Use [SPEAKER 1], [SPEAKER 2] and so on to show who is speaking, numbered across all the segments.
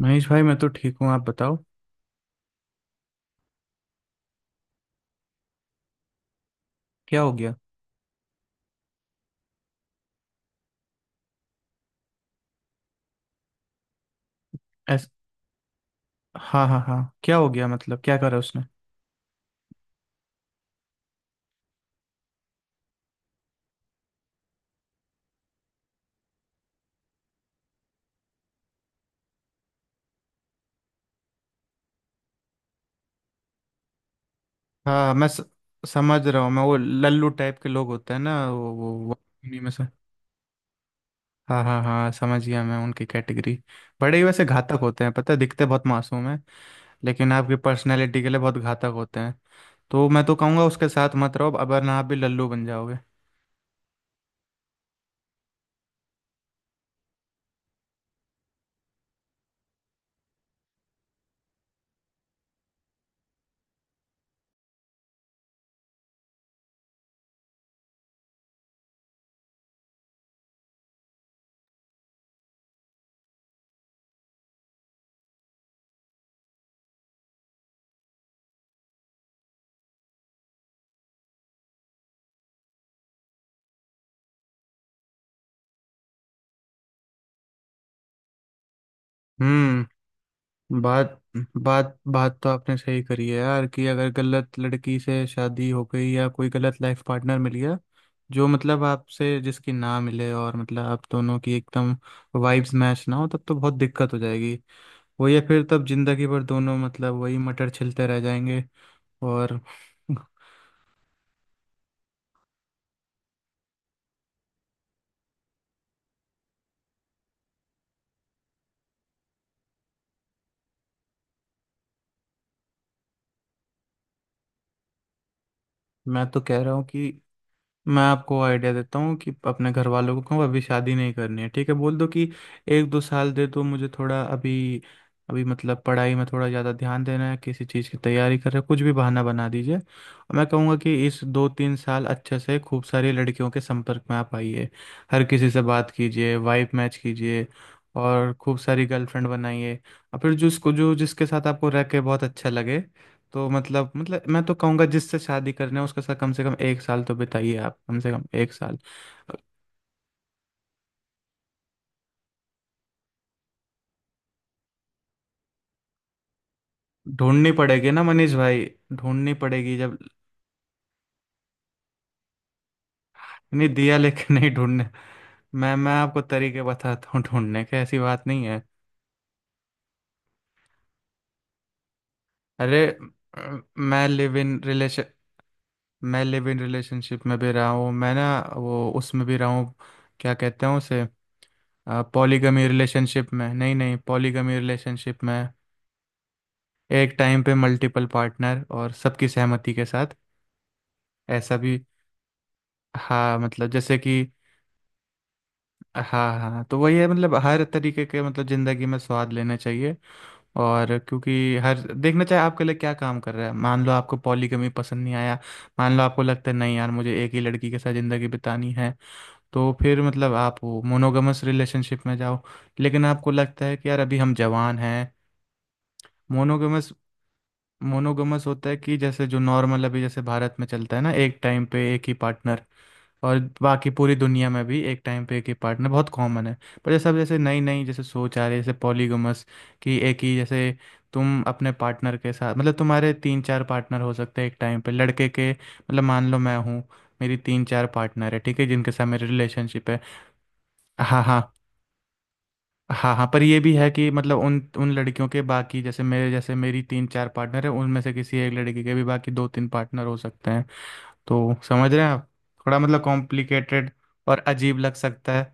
[SPEAKER 1] महेश भाई, मैं तो ठीक हूँ। आप बताओ। क्या हो गया? ऐस हाँ हाँ हाँ। क्या हो गया मतलब क्या करा उसने? हाँ, मैं समझ रहा हूँ। मैं, वो लल्लू टाइप के लोग होते हैं ना, उन्हीं में से। हाँ हाँ हाँ, समझ गया मैं उनकी कैटेगरी। बड़े ही वैसे घातक होते हैं, पता है? दिखते बहुत मासूम हैं। लेकिन आपकी पर्सनैलिटी के लिए बहुत घातक होते हैं। तो मैं तो कहूँगा, उसके साथ मत रहो अब, वरना आप भी लल्लू बन जाओगे। हम्म बात बात बात तो आपने सही करी है यार, कि अगर गलत लड़की से शादी हो गई या कोई गलत लाइफ पार्टनर मिल गया, जो मतलब आपसे जिसकी ना मिले, और मतलब आप दोनों की एकदम वाइब्स मैच ना हो, तब तो बहुत दिक्कत हो जाएगी। वही है फिर तब, जिंदगी भर दोनों मतलब वही मटर छिलते रह जाएंगे, और मैं तो कह रहा हूँ कि, मैं आपको आइडिया देता हूँ कि अपने घर वालों को कहूँ अभी शादी नहीं करनी है, ठीक है? बोल दो कि 1-2 साल दे दो मुझे थोड़ा अभी। अभी मतलब पढ़ाई में थोड़ा ज़्यादा ध्यान देना है, किसी चीज़ की तैयारी कर रहे हो, कुछ भी बहाना बना दीजिए। और मैं कहूँगा कि इस 2-3 साल अच्छे से खूब सारी लड़कियों के संपर्क में आप आइए। हर किसी से बात कीजिए, वाइब मैच कीजिए, और खूब सारी गर्लफ्रेंड बनाइए। और फिर जिसको जो जिसके साथ आपको रह के बहुत अच्छा लगे, तो मतलब मैं तो कहूंगा जिससे शादी करना है उसके साथ कम से कम एक साल तो बिताइए आप, कम से कम एक साल। ढूंढनी पड़ेगी ना मनीष भाई, ढूंढनी पड़ेगी जब। नहीं, दिया लेकिन नहीं ढूंढने। मैं आपको तरीके बताता हूँ ढूंढने के, ऐसी बात नहीं है। अरे, मैं लिव इन रिलेशन। मैं लिव इन रिलेशनशिप में भी रहा हूँ मैं ना, वो उसमें भी रहा हूँ। क्या कहते हैं उसे? पॉलीगमी रिलेशनशिप में, नहीं नहीं, पॉलीगमी रिलेशनशिप में। एक टाइम पे मल्टीपल पार्टनर, और सबकी सहमति के साथ। ऐसा भी। हाँ मतलब, जैसे कि। हाँ हाँ, तो वही है मतलब, हर तरीके के मतलब ज़िंदगी में स्वाद लेना चाहिए। और क्योंकि हर देखना चाहे आपके लिए क्या काम कर रहा है, मान लो आपको पॉलीगमी पसंद नहीं आया। मान लो आपको लगता है, नहीं यार मुझे एक ही लड़की के साथ ज़िंदगी बितानी है, तो फिर मतलब आप वो मोनोगमस रिलेशनशिप में जाओ। लेकिन आपको लगता है कि यार अभी हम जवान हैं। मोनोगमस, मोनोगमस होता है कि, जैसे जो नॉर्मल अभी जैसे भारत में चलता है ना, एक टाइम पे एक ही पार्टनर। और बाकी पूरी दुनिया में भी एक टाइम पे एक ही पार्टनर बहुत कॉमन है। पर जैसे अब जैसे नई नई जैसे सोच आ रही है, जैसे पॉलीगमस, कि एक ही जैसे, तुम अपने पार्टनर के साथ मतलब तुम्हारे तीन चार पार्टनर हो सकते हैं एक टाइम पे, लड़के के मतलब मान लो मैं हूँ, मेरी तीन चार पार्टनर है, ठीक है, जिनके साथ मेरी रिलेशनशिप है। हाँ हाँ। हाँ हाँ, पर ये भी है कि मतलब उन उन लड़कियों के बाकी, जैसे मेरे जैसे मेरी तीन चार पार्टनर है, उनमें से किसी एक लड़की के भी बाकी दो तीन पार्टनर हो सकते हैं। तो समझ रहे हैं आप? थोड़ा मतलब कॉम्प्लिकेटेड और अजीब लग सकता है।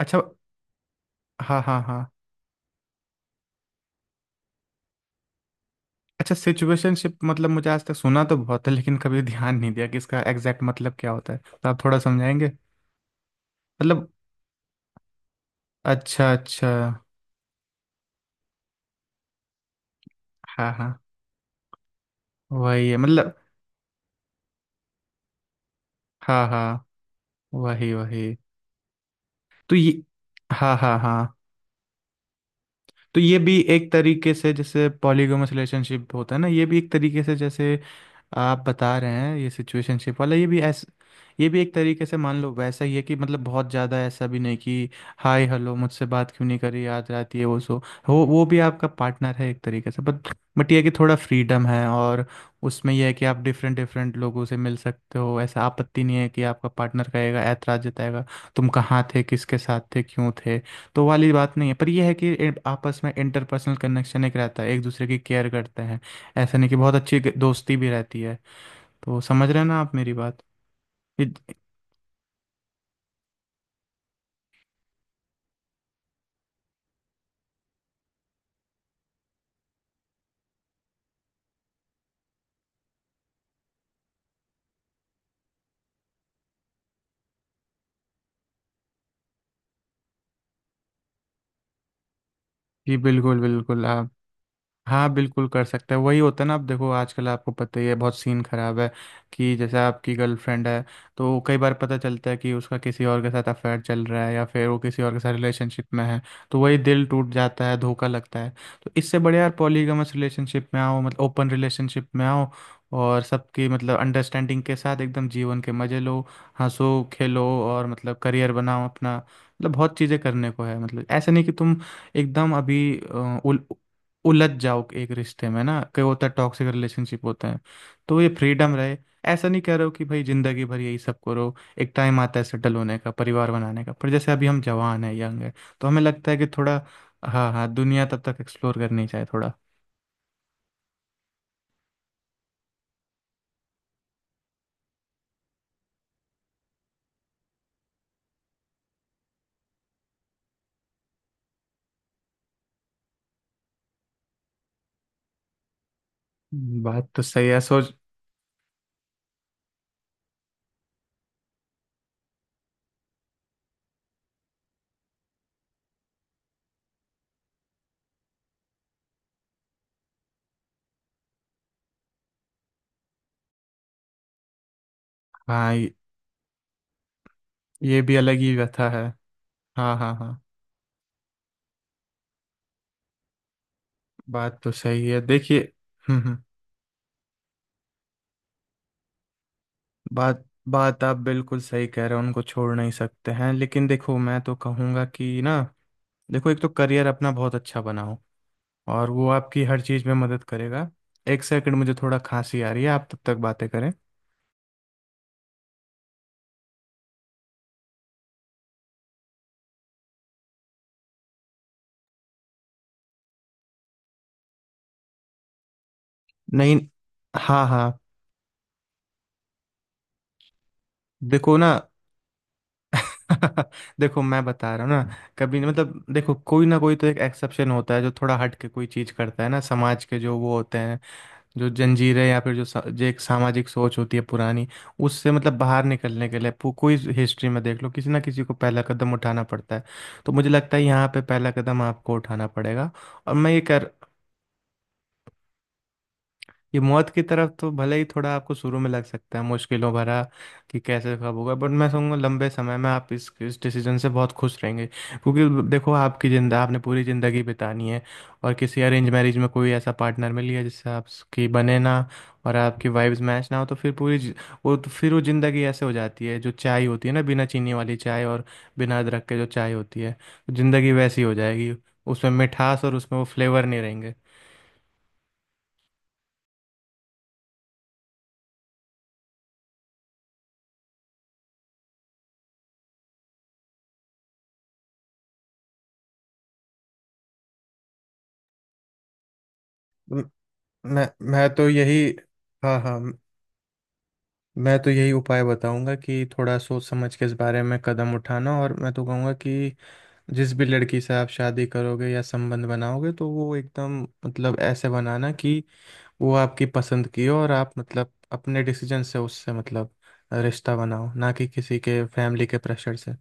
[SPEAKER 1] अच्छा, हाँ हाँ हाँ। अच्छा, सिचुएशनशिप मतलब, मुझे आज तक सुना तो बहुत है, लेकिन कभी ध्यान नहीं दिया कि इसका एग्जैक्ट मतलब क्या होता है, तो आप थोड़ा समझाएंगे? मतलब, अच्छा अच्छा। हाँ हाँ, वही है मतलब। हाँ हाँ, वही वही। तो ये हाँ हाँ हाँ, तो ये भी एक तरीके से जैसे पॉलीगैमस रिलेशनशिप होता है ना, ये भी एक तरीके से, जैसे आप बता रहे हैं ये सिचुएशनशिप वाला, ये भी ऐसा, ये भी एक तरीके से मान लो वैसा ही है, कि मतलब बहुत ज़्यादा ऐसा भी नहीं कि हाय हेलो, मुझससे बात क्यों नहीं करी, याद रात ये वो सो। वो भी आपका पार्टनर है एक तरीके से, बट ये है कि थोड़ा फ्रीडम है, और उसमें यह है कि आप डिफरेंट डिफरेंट लोगों से मिल सकते हो, ऐसा आपत्ति नहीं है कि आपका पार्टनर कहेगा, ऐतराज जताएगा, तुम कहाँ थे, किसके साथ थे, क्यों थे, तो वाली बात नहीं है। पर यह है कि आपस में इंटरपर्सनल कनेक्शन एक रहता है, एक दूसरे की केयर करते हैं, ऐसा नहीं, कि बहुत अच्छी दोस्ती भी रहती है। तो समझ रहे हैं ना आप मेरी बात? जी जी, बिल्कुल बिल्कुल आप। हाँ बिल्कुल कर सकते हैं, वही होता है ना। आप देखो, आजकल आपको पता ही है, बहुत सीन खराब है, कि जैसे आपकी गर्लफ्रेंड है, तो कई बार पता चलता है कि उसका किसी और के साथ अफेयर चल रहा है, या फिर वो किसी और के साथ रिलेशनशिप में है। तो वही दिल टूट जाता है, धोखा लगता है। तो इससे बढ़िया यार, पॉलीगमस रिलेशनशिप में आओ, मतलब ओपन रिलेशनशिप में आओ। और सबकी मतलब अंडरस्टैंडिंग के साथ एकदम जीवन के मजे लो। हंसो खेलो, और मतलब करियर बनाओ अपना, मतलब बहुत चीज़ें करने को है, मतलब ऐसा नहीं कि तुम एकदम अभी उलझ जाओ एक रिश्ते में ना, कई होता है, टॉक्सिक रिलेशनशिप होते हैं। तो ये फ्रीडम रहे। ऐसा नहीं कह रहे हो कि भाई जिंदगी भर यही सब करो। एक टाइम आता है सेटल होने का, परिवार बनाने का, पर जैसे अभी हम जवान है, यंग है, तो हमें लगता है कि थोड़ा। हाँ हाँ, दुनिया तब तक एक्सप्लोर करनी चाहिए थोड़ा। बात तो सही है, सोच। हाँ, ये भी अलग ही व्यथा है। हाँ हाँ हाँ, बात तो सही है, देखिए। हम्म हम्म, बात बात आप बिल्कुल सही कह रहे हो, उनको छोड़ नहीं सकते हैं, लेकिन देखो, मैं तो कहूँगा कि ना, देखो एक तो करियर अपना बहुत अच्छा बनाओ, और वो आपकी हर चीज़ में मदद करेगा। एक सेकंड, मुझे थोड़ा खांसी आ रही है, आप तब तक बातें करें। नहीं, हाँ हाँ, देखो ना। देखो, मैं बता रहा हूँ ना, कभी नहीं मतलब, देखो कोई ना कोई तो एक एक्सेप्शन होता है जो थोड़ा हट के कोई चीज़ करता है ना, समाज के जो वो होते हैं, जो जंजीरें या फिर जो, जो एक सामाजिक सोच होती है पुरानी, उससे मतलब बाहर निकलने के लिए कोई हिस्ट्री में देख लो, किसी ना किसी को पहला कदम उठाना पड़ता है। तो मुझे लगता है यहाँ पे पहला कदम आपको उठाना पड़ेगा। और मैं ये कर, ये मौत की तरफ तो भले ही थोड़ा आपको शुरू में लग सकता है मुश्किलों भरा, कि कैसे कब होगा, बट मैं कहूँगा लंबे समय में आप इस डिसीजन से बहुत खुश रहेंगे। क्योंकि देखो, आपकी जिंदा आपने पूरी ज़िंदगी बितानी है, और किसी अरेंज मैरिज में कोई ऐसा पार्टनर मिल गया जिससे आपकी बने ना, और आपकी वाइब्स मैच ना हो, तो फिर पूरी वो तो फिर वो ज़िंदगी ऐसे हो जाती है, जो चाय होती है ना, बिना चीनी वाली चाय, और बिना अदरक के जो चाय होती है, तो ज़िंदगी वैसी हो जाएगी। उसमें मिठास, और उसमें वो फ्लेवर नहीं रहेंगे। मैं मैं तो यही हाँ हाँ, मैं तो यही उपाय बताऊंगा, कि थोड़ा सोच समझ के इस बारे में कदम उठाना, और मैं तो कहूँगा कि जिस भी लड़की से आप शादी करोगे या संबंध बनाओगे, तो वो एकदम मतलब ऐसे बनाना कि वो आपकी पसंद की हो, और आप मतलब अपने डिसीजन से उससे मतलब रिश्ता बनाओ, ना कि किसी के फैमिली के प्रेशर से।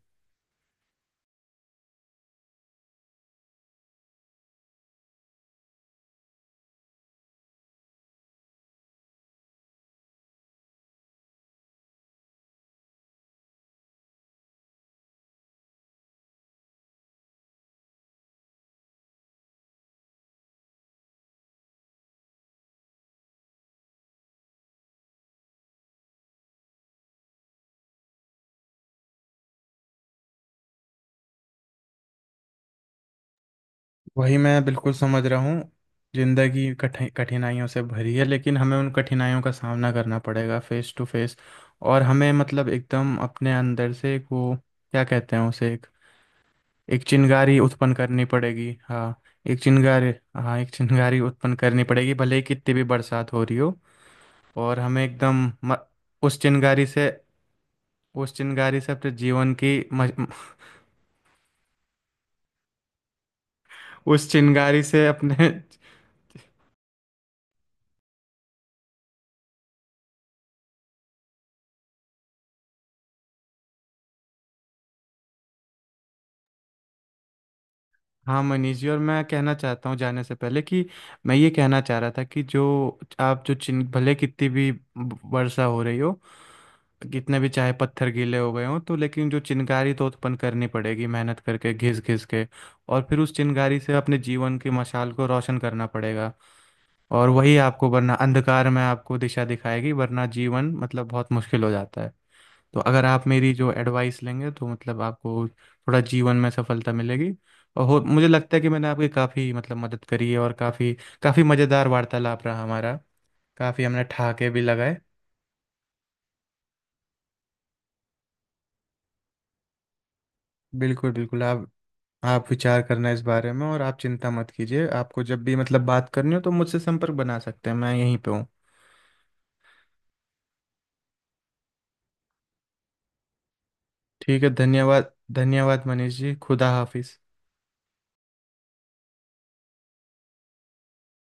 [SPEAKER 1] वही मैं बिल्कुल समझ रहा हूँ। जिंदगी कठिनाइयों से भरी है, लेकिन हमें उन कठिनाइयों का सामना करना पड़ेगा फेस टू फेस। और हमें मतलब एकदम अपने अंदर से एक वो, क्या कहते हैं उसे, एक एक चिंगारी उत्पन्न करनी पड़ेगी। हाँ, एक चिंगारी। हाँ, एक चिंगारी उत्पन्न करनी पड़ेगी, भले ही कितनी भी बरसात हो रही हो। और हमें एकदम उस चिंगारी से, उस चिंगारी से अपने जीवन की उस चिंगारी से अपने। हाँ मनीष जी, और मैं कहना चाहता हूँ जाने से पहले कि, मैं ये कहना चाह रहा था कि जो आप, जो चिन भले कितनी भी वर्षा हो रही हो, कितने भी चाहे पत्थर गीले हो गए हों तो, लेकिन जो चिनगारी तो उत्पन्न करनी पड़ेगी, मेहनत करके, घिस घिस के, और फिर उस चिनगारी से अपने जीवन की मशाल को रोशन करना पड़ेगा, और वही आपको, वरना अंधकार में आपको दिशा दिखाएगी, वरना जीवन मतलब बहुत मुश्किल हो जाता है। तो अगर आप मेरी जो एडवाइस लेंगे, तो मतलब आपको थोड़ा जीवन में सफलता मिलेगी। और हो, मुझे लगता है कि मैंने आपकी काफ़ी मतलब मदद करी है, और काफ़ी, काफ़ी मज़ेदार वार्तालाप रहा हमारा, काफ़ी हमने ठहाके भी लगाए। बिल्कुल बिल्कुल, आप विचार करना इस बारे में, और आप चिंता मत कीजिए, आपको जब भी मतलब बात करनी हो तो मुझसे संपर्क बना सकते हैं, मैं यहीं पे हूँ। ठीक है, धन्यवाद। धन्यवाद मनीष जी, खुदा हाफिज़।